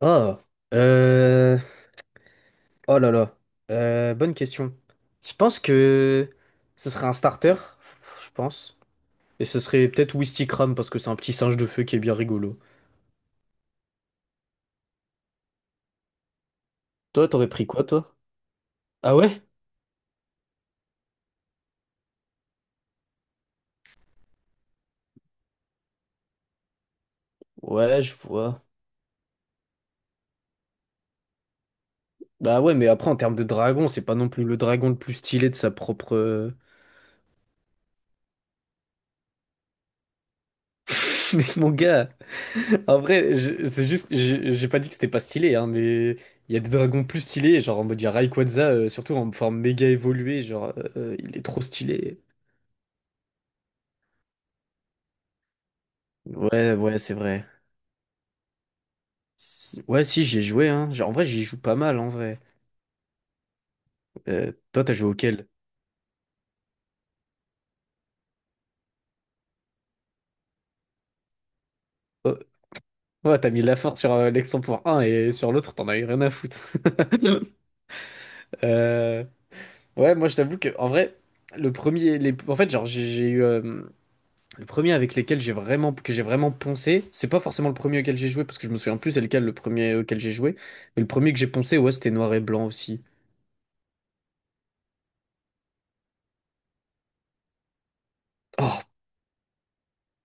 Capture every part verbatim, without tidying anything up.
Oh, euh, oh là là, Euh, bonne question. Je pense que ce serait un starter, je pense. Et ce serait peut-être Wistikram parce que c'est un petit singe de feu qui est bien rigolo. Toi, t'aurais pris quoi, toi? Ah ouais? Ouais, je vois. Bah ouais, mais après, en termes de dragon, c'est pas non plus le dragon le plus stylé de sa propre. Mais mon gars! En vrai, je- c'est juste, j'ai j'ai pas dit que c'était pas stylé, hein, mais il y a des dragons plus stylés, genre en mode il y a Rayquaza, euh, surtout en forme méga évoluée, genre euh, euh, il est trop stylé. Ouais, ouais, c'est vrai. Si- Ouais, si, j'ai joué, hein. Genre, en vrai, j'y joue pas mal, en vrai. Euh, toi, t'as joué auquel? Oh, ouais, t'as mis la force sur euh, l'ex-un point un et sur l'autre, t'en as eu rien à foutre. Euh, Ouais, moi, je t'avoue que, en vrai, le premier, les... en fait, genre, j'ai j'ai eu. Euh, Le premier avec lesquels j'ai vraiment, que j'ai vraiment poncé, c'est pas forcément le premier auquel j'ai joué, parce que je me souviens plus c'est lequel le premier auquel j'ai joué, mais le premier que j'ai poncé, ouais, c'était noir et blanc aussi. Oh,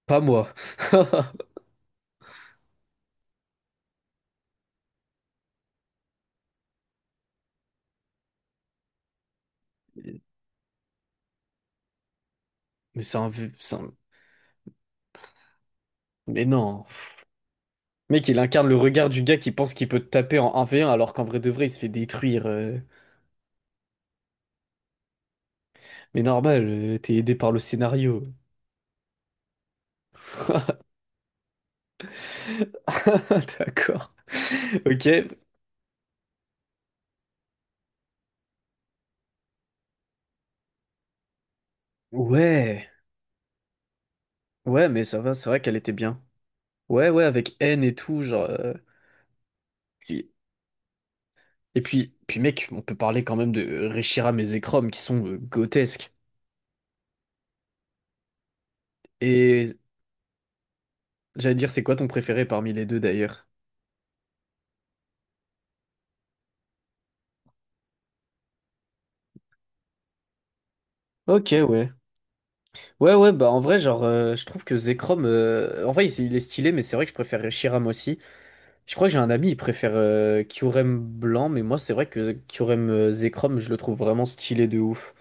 pas moi. Mais c'est un, vieux- c'est un- Mais non. Mec, il incarne le regard du gars qui pense qu'il peut te taper en un v un alors qu'en vrai de vrai, il se fait détruire. euh. Mais normal, euh, t'es aidé par le scénario. D'accord. Ok. Ouais. Ouais, mais ça va, c'est vrai qu'elle était bien. Ouais, ouais, avec N et tout. genre... euh, Et puis, puis mec, on peut parler quand même de Reshiram et Zekrom qui sont euh, grotesques. Et j'allais dire, c'est quoi ton préféré parmi les deux d'ailleurs? Ok, ouais. Ouais, ouais, bah en vrai, genre, euh, je trouve que Zekrom, euh, en vrai, il, il est stylé, mais c'est vrai que je préfère Reshiram aussi. Je crois que j'ai un ami, il préfère euh, Kyurem blanc, mais moi, c'est vrai que Kyurem euh, Zekrom, je le trouve vraiment stylé de ouf.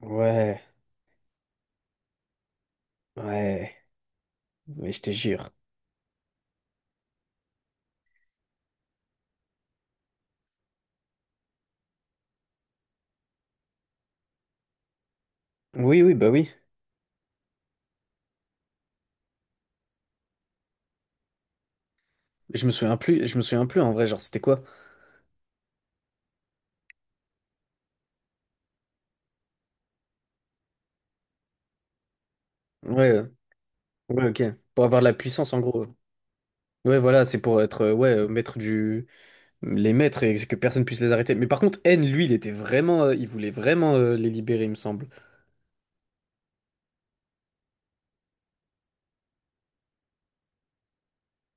Ouais, ouais, mais je te jure. Oui, oui, bah oui. Je me souviens plus, je me souviens plus en vrai, genre, c'était quoi? Ouais, euh, ouais, ok. Pour avoir de la puissance en gros. Ouais, voilà, c'est pour être euh, ouais, euh, maître du les maîtres et que personne puisse les arrêter. Mais par contre, N, lui, il était vraiment euh, il voulait vraiment euh, les libérer, il me semble.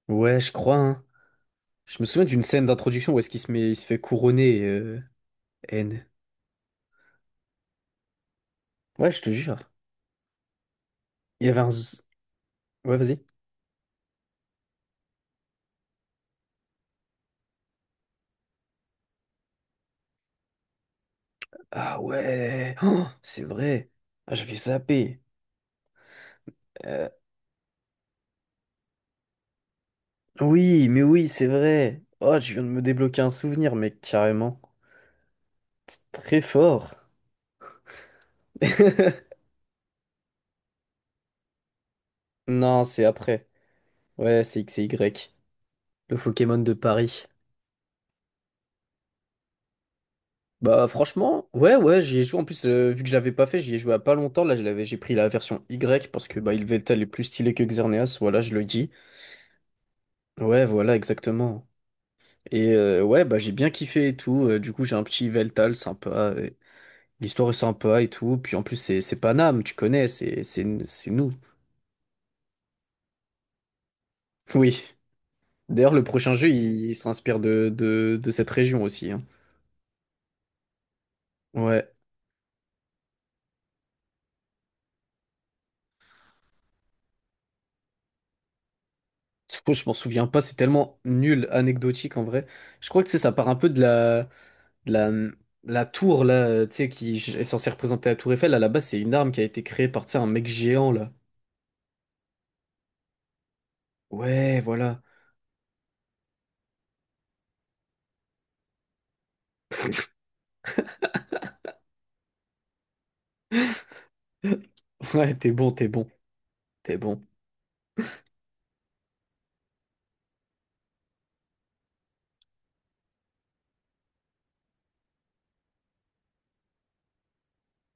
Ouais, je crois, hein. Je me souviens d'une scène d'introduction où est-ce qu'il se met il se fait couronner euh, N. Ouais, je te jure. Il y avait un z- Ouais, vas-y. Ah ouais. Oh, c'est vrai. Ah, j'avais zappé. Euh, oui, mais oui, c'est vrai. Oh, tu viens de me débloquer un souvenir, mec, carrément. C'est très fort. Non, c'est après. Ouais, c'est X et Y. Le Pokémon de Paris. Bah franchement, ouais ouais, j'y ai joué en plus euh, vu que je l'avais pas fait, j'y ai joué à pas longtemps. Là, je l'avais, j'ai pris la version Y parce que bah Yveltal est plus stylé que Xerneas, voilà, je le dis. Ouais, voilà, exactement. Et euh, ouais, bah j'ai bien kiffé et tout. Euh, du coup, j'ai un petit Veltal sympa et l'histoire est sympa et tout. Puis en plus, c'est c'est Paname, tu connais, c'est c'est c'est nous. Oui. D'ailleurs, le prochain jeu, il, il s'inspire de, de de cette région aussi, hein. Ouais. Tsuko, je m'en souviens pas, c'est tellement nul, anecdotique en vrai. Je crois que tu sais, ça part un peu de la, de la, la tour là, euh, tu sais, qui est censée représenter la tour Eiffel. À la base, c'est une arme qui a été créée par, tu sais, un mec géant là. Ouais, voilà. Ouais, t'es bon, t'es bon, t'es bon.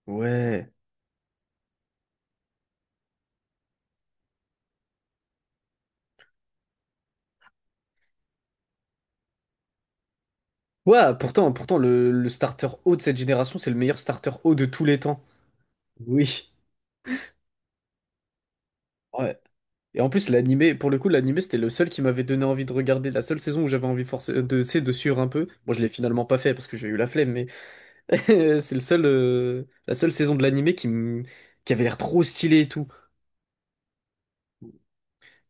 Ouais. Ouais, pourtant, pourtant le, le starter haut de cette génération, c'est le meilleur starter haut de tous les temps. Oui. Ouais. Et en plus, l'animé, pour le coup, l'animé, c'était le seul qui m'avait donné envie de regarder. La seule saison où j'avais envie forcé euh, de, c'est de suivre un peu. Bon, je l'ai finalement pas fait parce que j'ai eu la flemme, mais c'est le seul, euh, la seule saison de l'animé qui, m- qui avait l'air trop stylée et tout.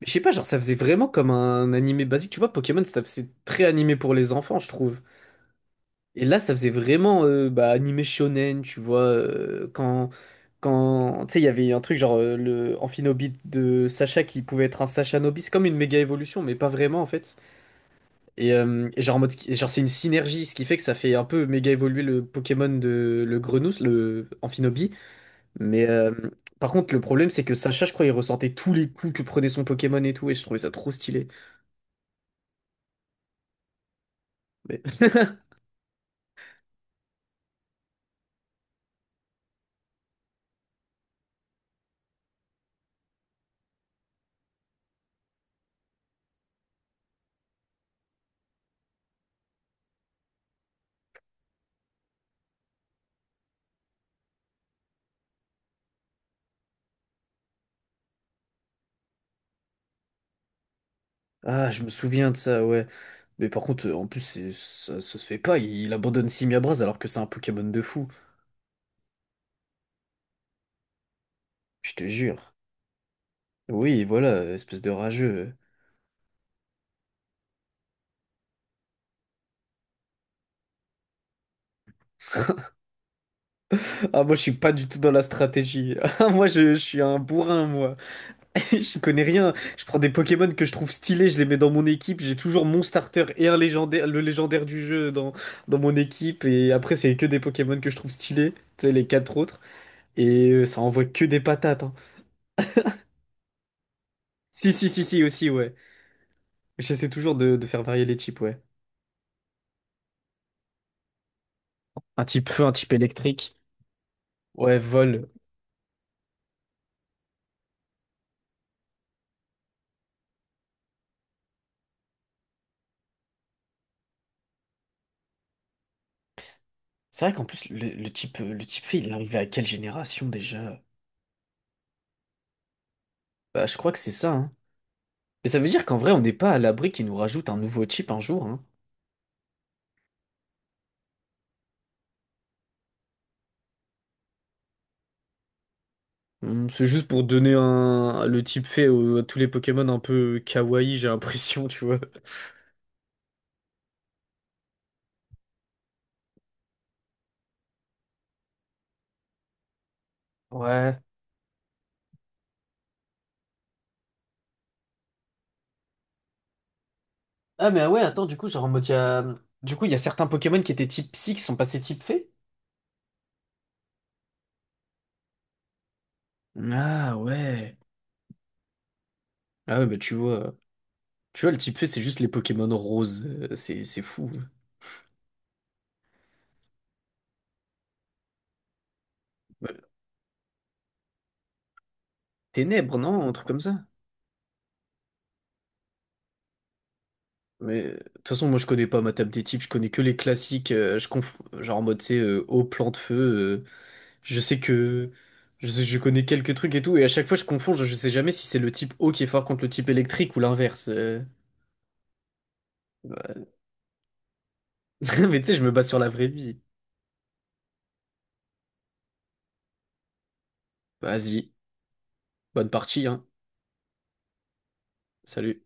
Mais je sais pas, genre, ça faisait vraiment comme un animé basique. Tu vois, Pokémon, ça- c'est très animé pour les enfants, je trouve. Et là, ça faisait vraiment euh, bah, animé shonen, tu vois, euh, quand, quand, tu sais, il y avait un truc genre euh, le Amphinobit de Sacha qui pouvait être un Sacha Nobis, c'est comme une méga évolution, mais pas vraiment en fait. Et, euh, et genre, en mode, et genre c'est une synergie, ce qui fait que ça fait un peu méga évoluer le Pokémon de le Grenousse, le Amphinobi. Mais euh, par contre, le problème, c'est que Sacha, je crois, il ressentait tous les coups que prenait son Pokémon et tout, et je trouvais ça trop stylé. Mais... Ah, je me souviens de ça, ouais. Mais par contre, euh, en plus, c'est- ça, ça se fait pas. Il, il abandonne Simiabras alors que c'est un Pokémon de fou. Je te jure. Oui, voilà, espèce de rageux. Ah, moi, je suis pas du tout dans la stratégie. Ah, moi, je, je suis un bourrin, moi. Je connais rien. Je prends des Pokémon que je trouve stylés, je les mets dans mon équipe. J'ai toujours mon starter et un légendaire, le légendaire du jeu dans, dans mon équipe. Et après, c'est que des Pokémon que je trouve stylés. Tu sais, les quatre autres. Et euh, ça envoie que des patates, hein. Si, si, si, si, aussi, ouais. J'essaie toujours de, de faire varier les types, ouais. Un type feu, un type électrique. Ouais, vol. C'est vrai qu'en plus, le, le type, euh, le type fait, il est arrivé à quelle génération déjà? Bah, je crois que c'est ça, hein. Mais ça veut dire qu'en vrai, on n'est pas à l'abri qu'ils nous rajoutent un nouveau type un jour, hein. Hmm, c'est juste pour donner un... le type fait aux- à tous les Pokémon un peu kawaii, j'ai l'impression, tu vois. Ouais. Ah, mais ouais, attends, du coup, genre en mode, il y a. Du coup, il y a certains Pokémon qui étaient type psy qui sont passés type fée? Ah ouais. Ah ouais, bah tu vois. Tu vois, le type fait, c'est juste les Pokémon roses. Euh, C'est c'est fou. Ouais. Ténèbres, non? Un truc comme ça. Mais euh, de toute façon, moi, je connais pas ma table des types. Je connais que les classiques. euh, je conf... Genre en mode, tu sais, euh, eau, plan de feu. Euh, je sais que. Je, sais- je connais quelques trucs et tout. Et à chaque fois, je confonds. Je, je sais jamais si c'est le type eau qui est fort contre le type électrique ou l'inverse. euh. Bah, mais tu sais, je me base sur la vraie vie. Vas-y. Bonne partie, hein. Salut.